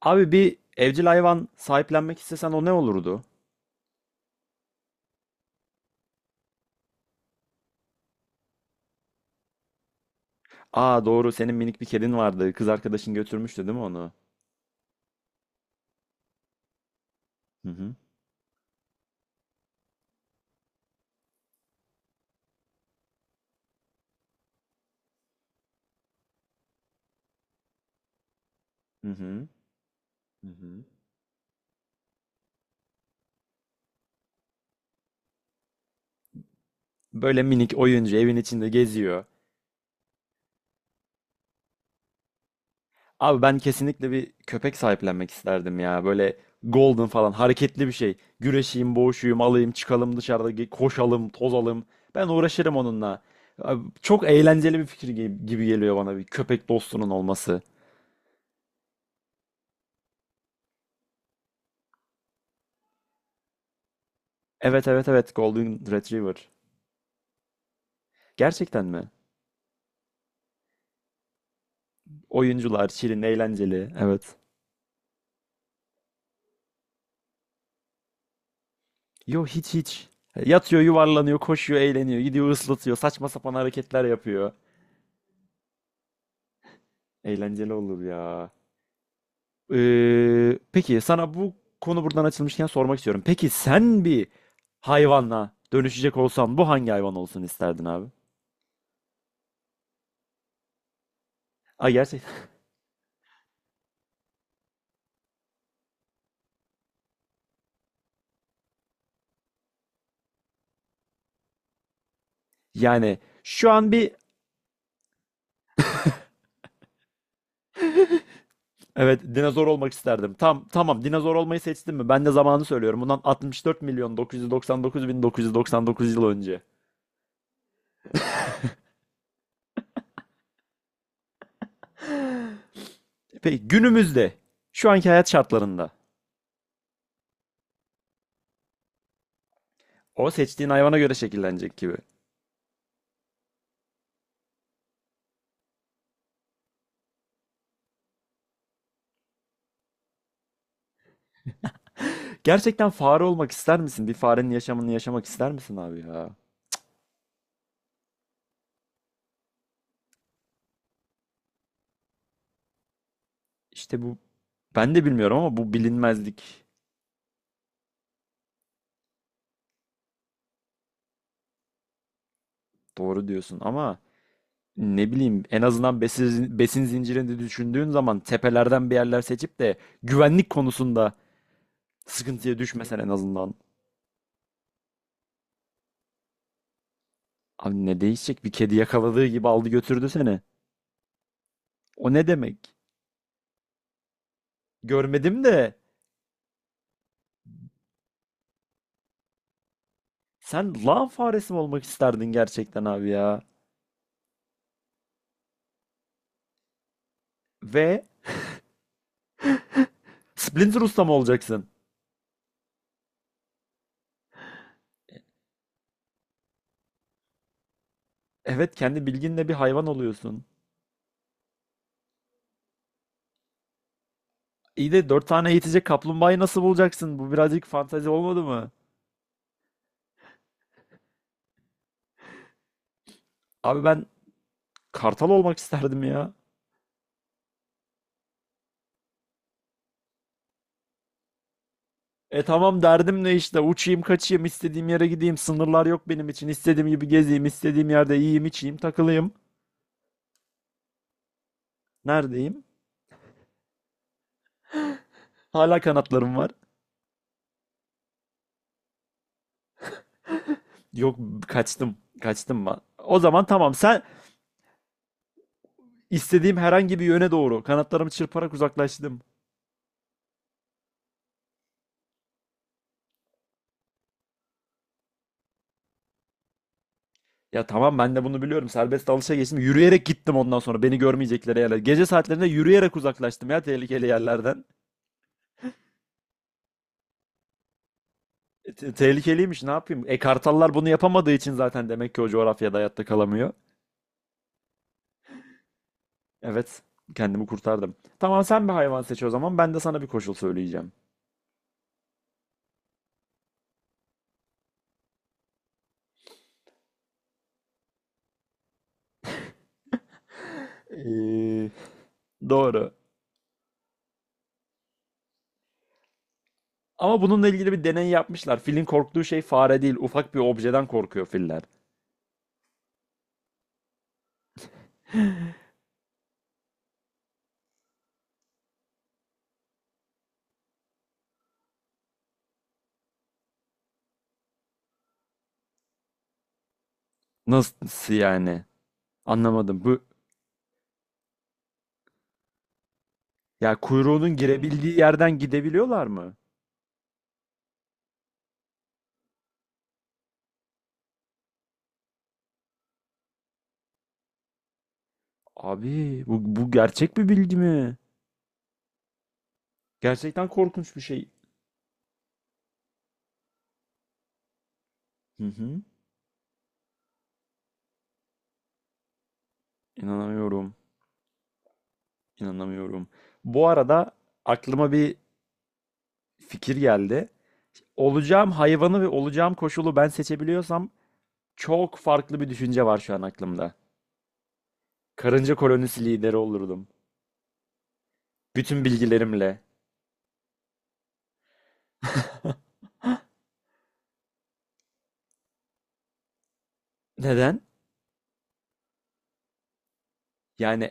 Abi bir evcil hayvan sahiplenmek istesen o ne olurdu? Aa doğru, senin minik bir kedin vardı. Kız arkadaşın götürmüştü değil mi onu? Hı hı. Hı hı. Hı hı. Böyle minik oyuncu evin içinde geziyor. Abi ben kesinlikle bir köpek sahiplenmek isterdim ya. Böyle golden falan hareketli bir şey. Güreşeyim, boğuşayım, alayım, çıkalım dışarıda koşalım, tozalım. Ben uğraşırım onunla. Abi, çok eğlenceli bir fikir gibi geliyor bana bir köpek dostunun olması. Evet, Golden Retriever. Gerçekten mi? Oyuncular şirin, eğlenceli. Evet. Yo, hiç. Yatıyor, yuvarlanıyor, koşuyor, eğleniyor, gidiyor, ıslatıyor, saçma sapan hareketler yapıyor. Eğlenceli olur ya. Peki sana bu konu buradan açılmışken sormak istiyorum. Peki sen bir hayvanla dönüşecek olsan bu hangi hayvan olsun isterdin abi? Ay, gerçekten. Yani şu an bir evet dinozor olmak isterdim. Tamam, dinozor olmayı seçtim mi? Ben de zamanı söylüyorum. Bundan 64 milyon 999 yıl önce. Peki günümüzde şu anki hayat şartlarında o seçtiğin hayvana göre şekillenecek gibi. Gerçekten fare olmak ister misin? Bir farenin yaşamını yaşamak ister misin abi ya? İşte bu, ben de bilmiyorum ama bu bilinmezlik. Doğru diyorsun ama ne bileyim, en azından besin zincirini düşündüğün zaman tepelerden bir yerler seçip de güvenlik konusunda sıkıntıya düşmesen en azından. Abi ne değişecek? Bir kedi yakaladığı gibi aldı götürdü seni. O ne demek? Görmedim de. Sen lan faresi mi olmak isterdin gerçekten abi ya? Ve Splinter Usta mı olacaksın? Evet, kendi bilginle bir hayvan oluyorsun. İyi de dört tane eğitecek kaplumbağayı nasıl bulacaksın? Bu birazcık fantezi olmadı mı? Abi ben kartal olmak isterdim ya. E tamam, derdim ne, işte uçayım, kaçayım, istediğim yere gideyim, sınırlar yok benim için, istediğim gibi gezeyim, istediğim yerde yiyeyim, içeyim, takılayım. Neredeyim? Hala kanatlarım var. Yok, kaçtım ben. O zaman tamam sen, İstediğim herhangi bir yöne doğru kanatlarımı çırparak uzaklaştım. Ya tamam, ben de bunu biliyorum. Serbest dalışa geçtim. Yürüyerek gittim, ondan sonra beni görmeyecekleri yerler. Gece saatlerinde yürüyerek uzaklaştım ya tehlikeli yerlerden. Tehlikeliymiş, ne yapayım? E kartallar bunu yapamadığı için zaten demek ki o coğrafyada hayatta kalamıyor. Evet, kendimi kurtardım. Tamam, sen bir hayvan seç o zaman ben de sana bir koşul söyleyeceğim. Ee, Doğru. Ama bununla ilgili bir deney yapmışlar. Filin korktuğu şey fare değil, ufak bir objeden korkuyor filler. Nasıl yani? Anlamadım. Bu, ya kuyruğunun girebildiği yerden gidebiliyorlar mı? Abi bu gerçek bir bilgi mi? Gerçekten korkunç bir şey. Hı hı. İnanamıyorum. İnanamıyorum. Bu arada aklıma bir fikir geldi. Olacağım hayvanı ve olacağım koşulu ben seçebiliyorsam çok farklı bir düşünce var şu an aklımda. Karınca kolonisi lideri olurdum. Bütün bilgilerimle. Neden? Yani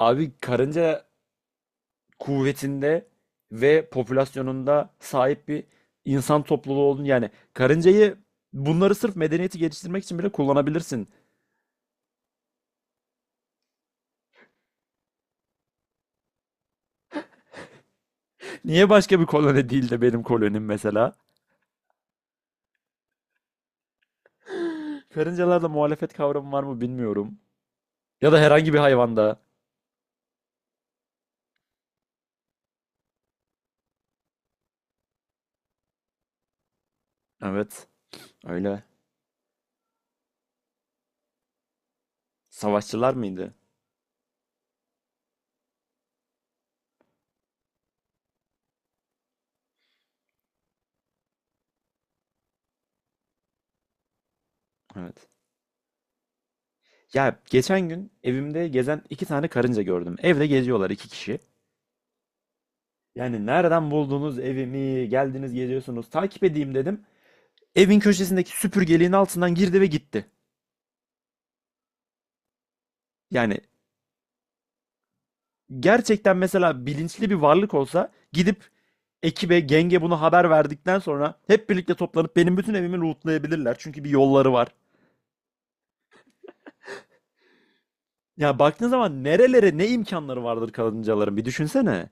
abi karınca kuvvetinde ve popülasyonunda sahip bir insan topluluğu olduğunu, yani karıncayı, bunları sırf medeniyeti geliştirmek için bile kullanabilirsin. Niye başka bir koloni değil de benim kolonim mesela? Karıncalarda muhalefet kavramı var mı bilmiyorum. Ya da herhangi bir hayvanda. Evet, öyle. Savaşçılar mıydı? Evet. Ya geçen gün evimde gezen iki tane karınca gördüm. Evde geziyorlar, iki kişi. Yani nereden buldunuz evimi? Geldiniz, geziyorsunuz. Takip edeyim dedim. Evin köşesindeki süpürgeliğin altından girdi ve gitti. Yani gerçekten mesela bilinçli bir varlık olsa gidip ekibe, genge bunu haber verdikten sonra hep birlikte toplanıp benim bütün evimi lootlayabilirler. Çünkü bir yolları var. Ya baktığın zaman nerelere ne imkanları vardır karıncaların bir düşünsene.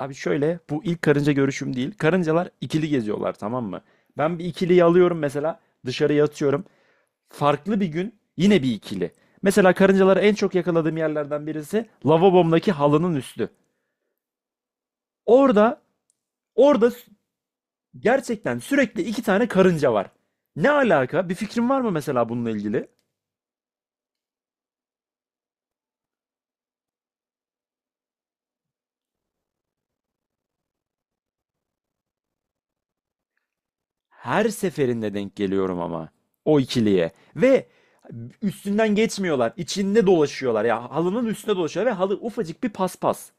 Abi şöyle, bu ilk karınca görüşüm değil. Karıncalar ikili geziyorlar, tamam mı? Ben bir ikiliyi alıyorum mesela, dışarıya atıyorum. Farklı bir gün yine bir ikili. Mesela karıncaları en çok yakaladığım yerlerden birisi lavabomdaki halının üstü. Orada orada gerçekten sürekli iki tane karınca var. Ne alaka? Bir fikrin var mı mesela bununla ilgili? Her seferinde denk geliyorum ama o ikiliye, ve üstünden geçmiyorlar, içinde dolaşıyorlar ya, halının üstüne dolaşıyorlar ve halı ufacık bir paspas.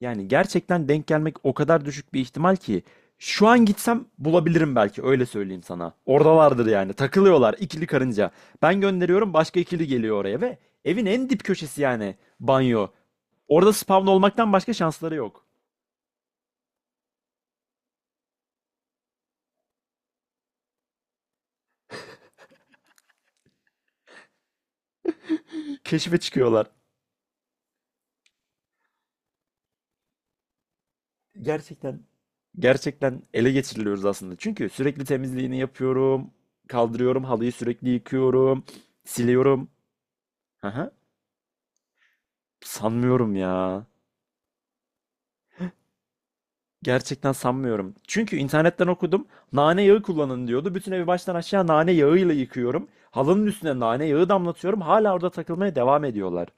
Yani gerçekten denk gelmek o kadar düşük bir ihtimal ki şu an gitsem bulabilirim, belki öyle söyleyeyim sana. Oradalardır yani, takılıyorlar ikili karınca. Ben gönderiyorum, başka ikili geliyor oraya ve evin en dip köşesi yani banyo. Orada spawn olmaktan başka şansları yok. Keşfe çıkıyorlar. Gerçekten, gerçekten ele geçiriliyoruz aslında. Çünkü sürekli temizliğini yapıyorum, kaldırıyorum, halıyı sürekli yıkıyorum, siliyorum. Aha, sanmıyorum ya. Gerçekten sanmıyorum. Çünkü internetten okudum. Nane yağı kullanın diyordu. Bütün evi baştan aşağı nane yağıyla yıkıyorum. Halının üstüne nane yağı damlatıyorum. Hala orada takılmaya devam ediyorlar.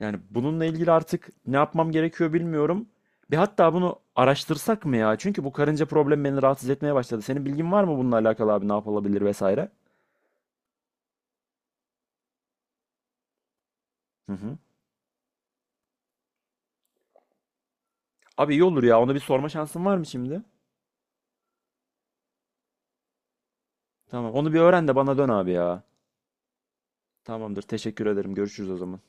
Yani bununla ilgili artık ne yapmam gerekiyor bilmiyorum. Bir, hatta bunu araştırsak mı ya? Çünkü bu karınca problemi beni rahatsız etmeye başladı. Senin bilgin var mı bununla alakalı abi, ne yapılabilir vesaire? Hı hı. Abi iyi olur ya. Onu bir sorma şansın var mı şimdi? Tamam. Onu bir öğren de bana dön abi ya. Tamamdır. Teşekkür ederim. Görüşürüz o zaman.